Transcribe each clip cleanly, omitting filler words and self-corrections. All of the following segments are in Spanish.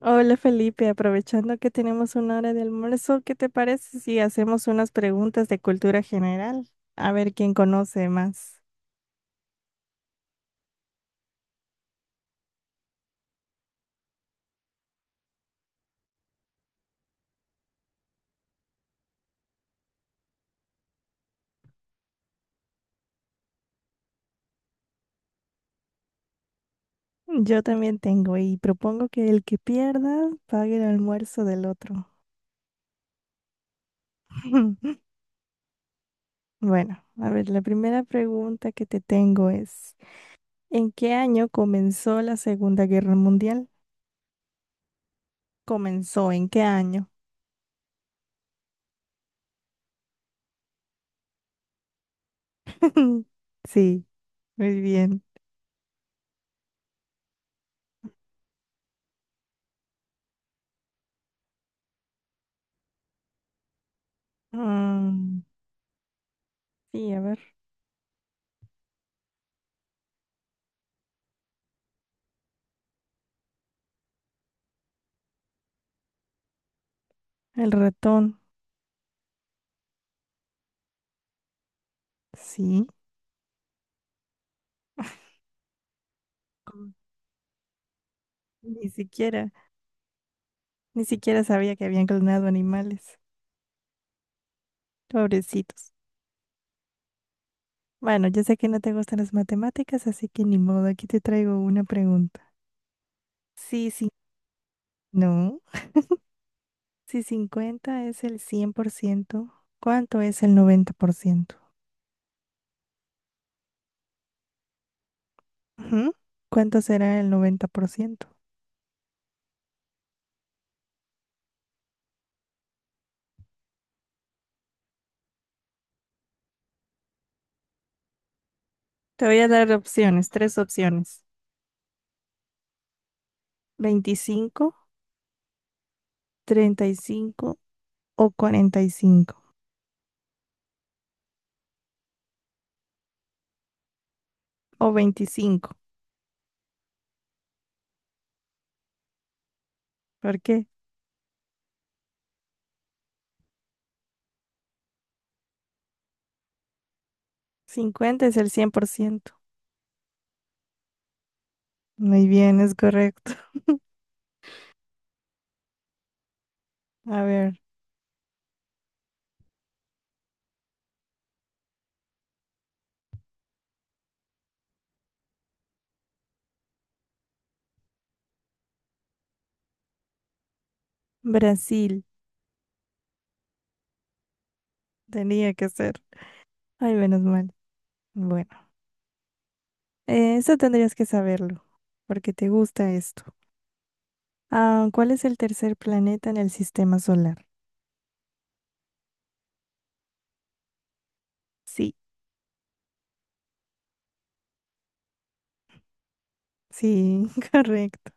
Hola Felipe, aprovechando que tenemos 1 hora de almuerzo, ¿qué te parece si hacemos unas preguntas de cultura general? A ver quién conoce más. Yo también tengo y propongo que el que pierda pague el almuerzo del otro. Bueno, a ver, la primera pregunta que te tengo es, ¿en qué año comenzó la Segunda Guerra Mundial? ¿Comenzó en qué año? Sí, muy bien. Mm, sí, a ver, el ratón, sí. Ni siquiera, ni siquiera sabía que habían clonado animales. Pobrecitos. Bueno, yo sé que no te gustan las matemáticas, así que ni modo, aquí te traigo una pregunta. Sí, sí, no. Si 50 es el 100%, ¿cuánto es el 90%? Ujú. ¿Cuánto será el 90%? Te voy a dar opciones, tres opciones. 25, 35 o 45, o 25. ¿Por qué? 50 es el 100%. Muy bien, es correcto. A ver, Brasil tenía que ser. Ay, menos mal. Bueno, eso tendrías que saberlo, porque te gusta esto. Ah, ¿cuál es el tercer planeta en el sistema solar? Sí, sí, correcto.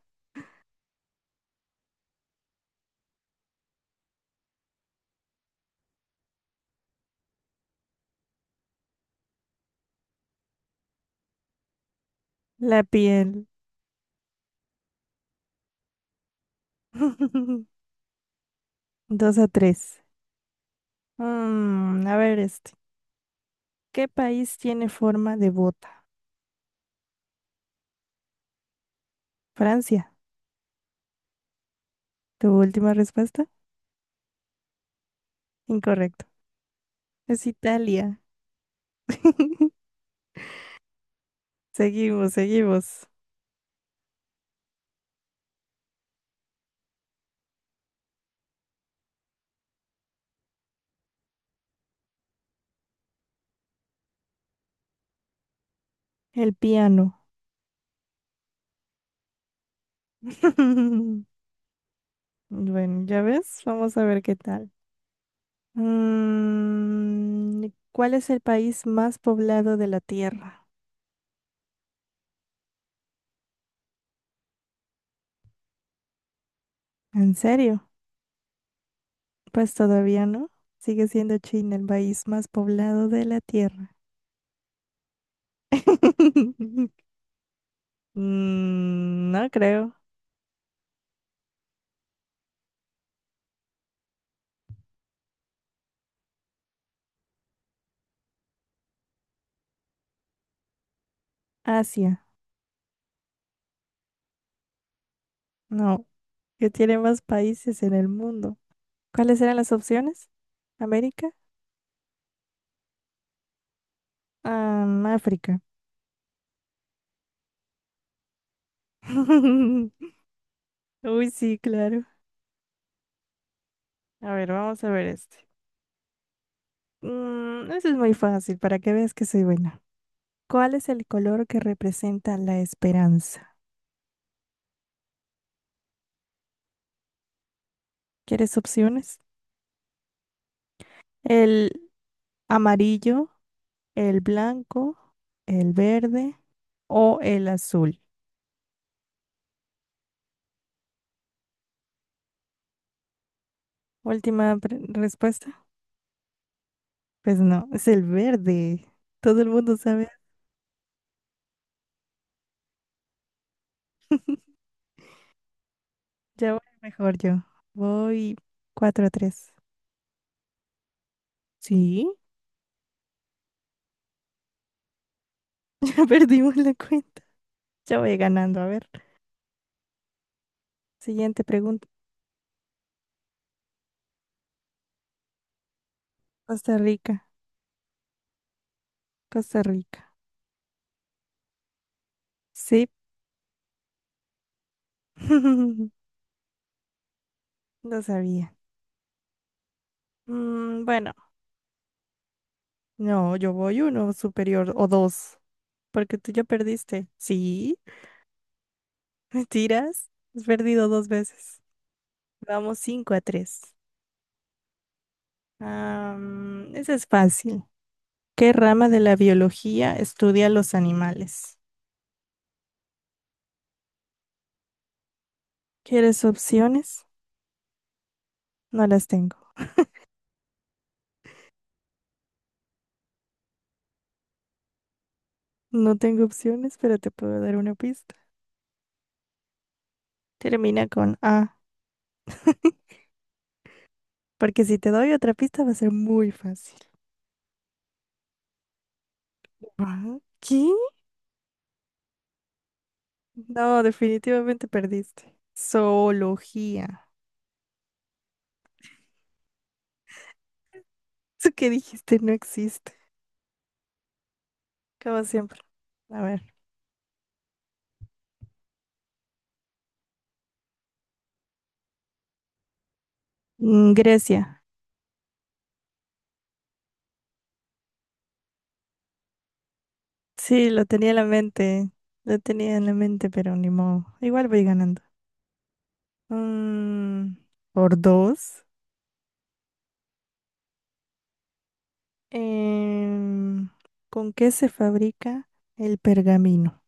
La piel. 2-3. Mm, a ver este. ¿Qué país tiene forma de bota? Francia. ¿Tu última respuesta? Incorrecto. Es Italia. Seguimos, seguimos. El piano. Bueno, ya ves, vamos a ver qué tal. Mm, ¿cuál es el país más poblado de la Tierra? ¿En serio? Pues todavía no. Sigue siendo China el país más poblado de la Tierra. No creo. Asia, no. Que tiene más países en el mundo. ¿Cuáles eran las opciones? ¿América? Ah, África. Uy, sí, claro. A ver, vamos a ver este. Eso es muy fácil para que veas que soy buena. ¿Cuál es el color que representa la esperanza? ¿Quieres opciones? ¿El amarillo, el blanco, el verde o el azul? Última pre- respuesta. Pues no, es el verde. Todo el mundo sabe. Ya voy mejor yo. Voy cuatro a 3. Sí, perdimos la cuenta. Ya voy ganando. A ver, siguiente pregunta. Costa Rica, Costa Rica. Sí, no sabía. Mm, bueno, no, yo voy uno superior o dos, porque tú ya perdiste. Sí, mentiras. Has perdido dos veces. Vamos 5-3. Ah, es fácil. ¿Qué rama de la biología estudia los animales? ¿Quieres opciones? No las tengo. No tengo opciones, pero te puedo dar una pista. Termina con A, porque si te doy otra pista va a ser muy fácil. Ah, ¿qué? No, definitivamente perdiste. Zoología. Eso que dijiste no existe, como siempre. A ver. Grecia. Sí, lo tenía en la mente. Lo tenía en la mente, pero ni modo. Igual voy ganando. Mm, por dos. Em, ¿con qué se fabrica el pergamino?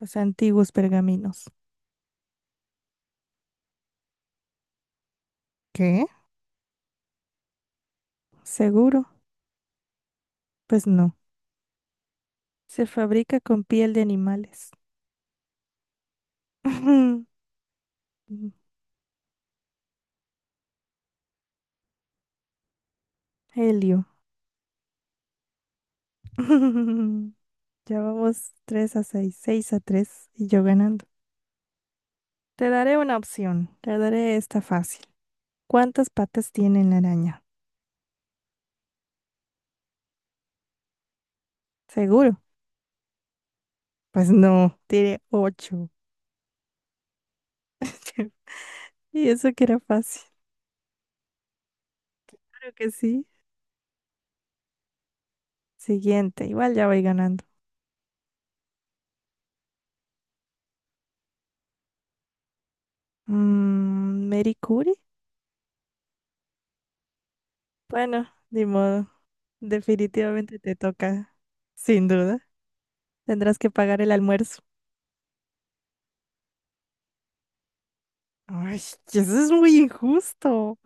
Los antiguos pergaminos. ¿Qué? ¿Seguro? Pues no. Se fabrica con piel de animales. Helio. Ya vamos 3-6, 6-3 y yo ganando. Te daré una opción, te daré esta fácil. ¿Cuántas patas tiene la araña? ¿Seguro? Pues no, tiene 8. Y eso que era fácil. Creo que sí. Siguiente, igual ya voy ganando. Mary Curie. Bueno, ni modo. Definitivamente te toca, sin duda. Tendrás que pagar el almuerzo. Ay, eso es muy injusto.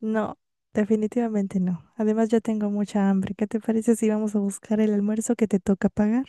No, definitivamente no. Además, ya tengo mucha hambre. ¿Qué te parece si vamos a buscar el almuerzo que te toca pagar?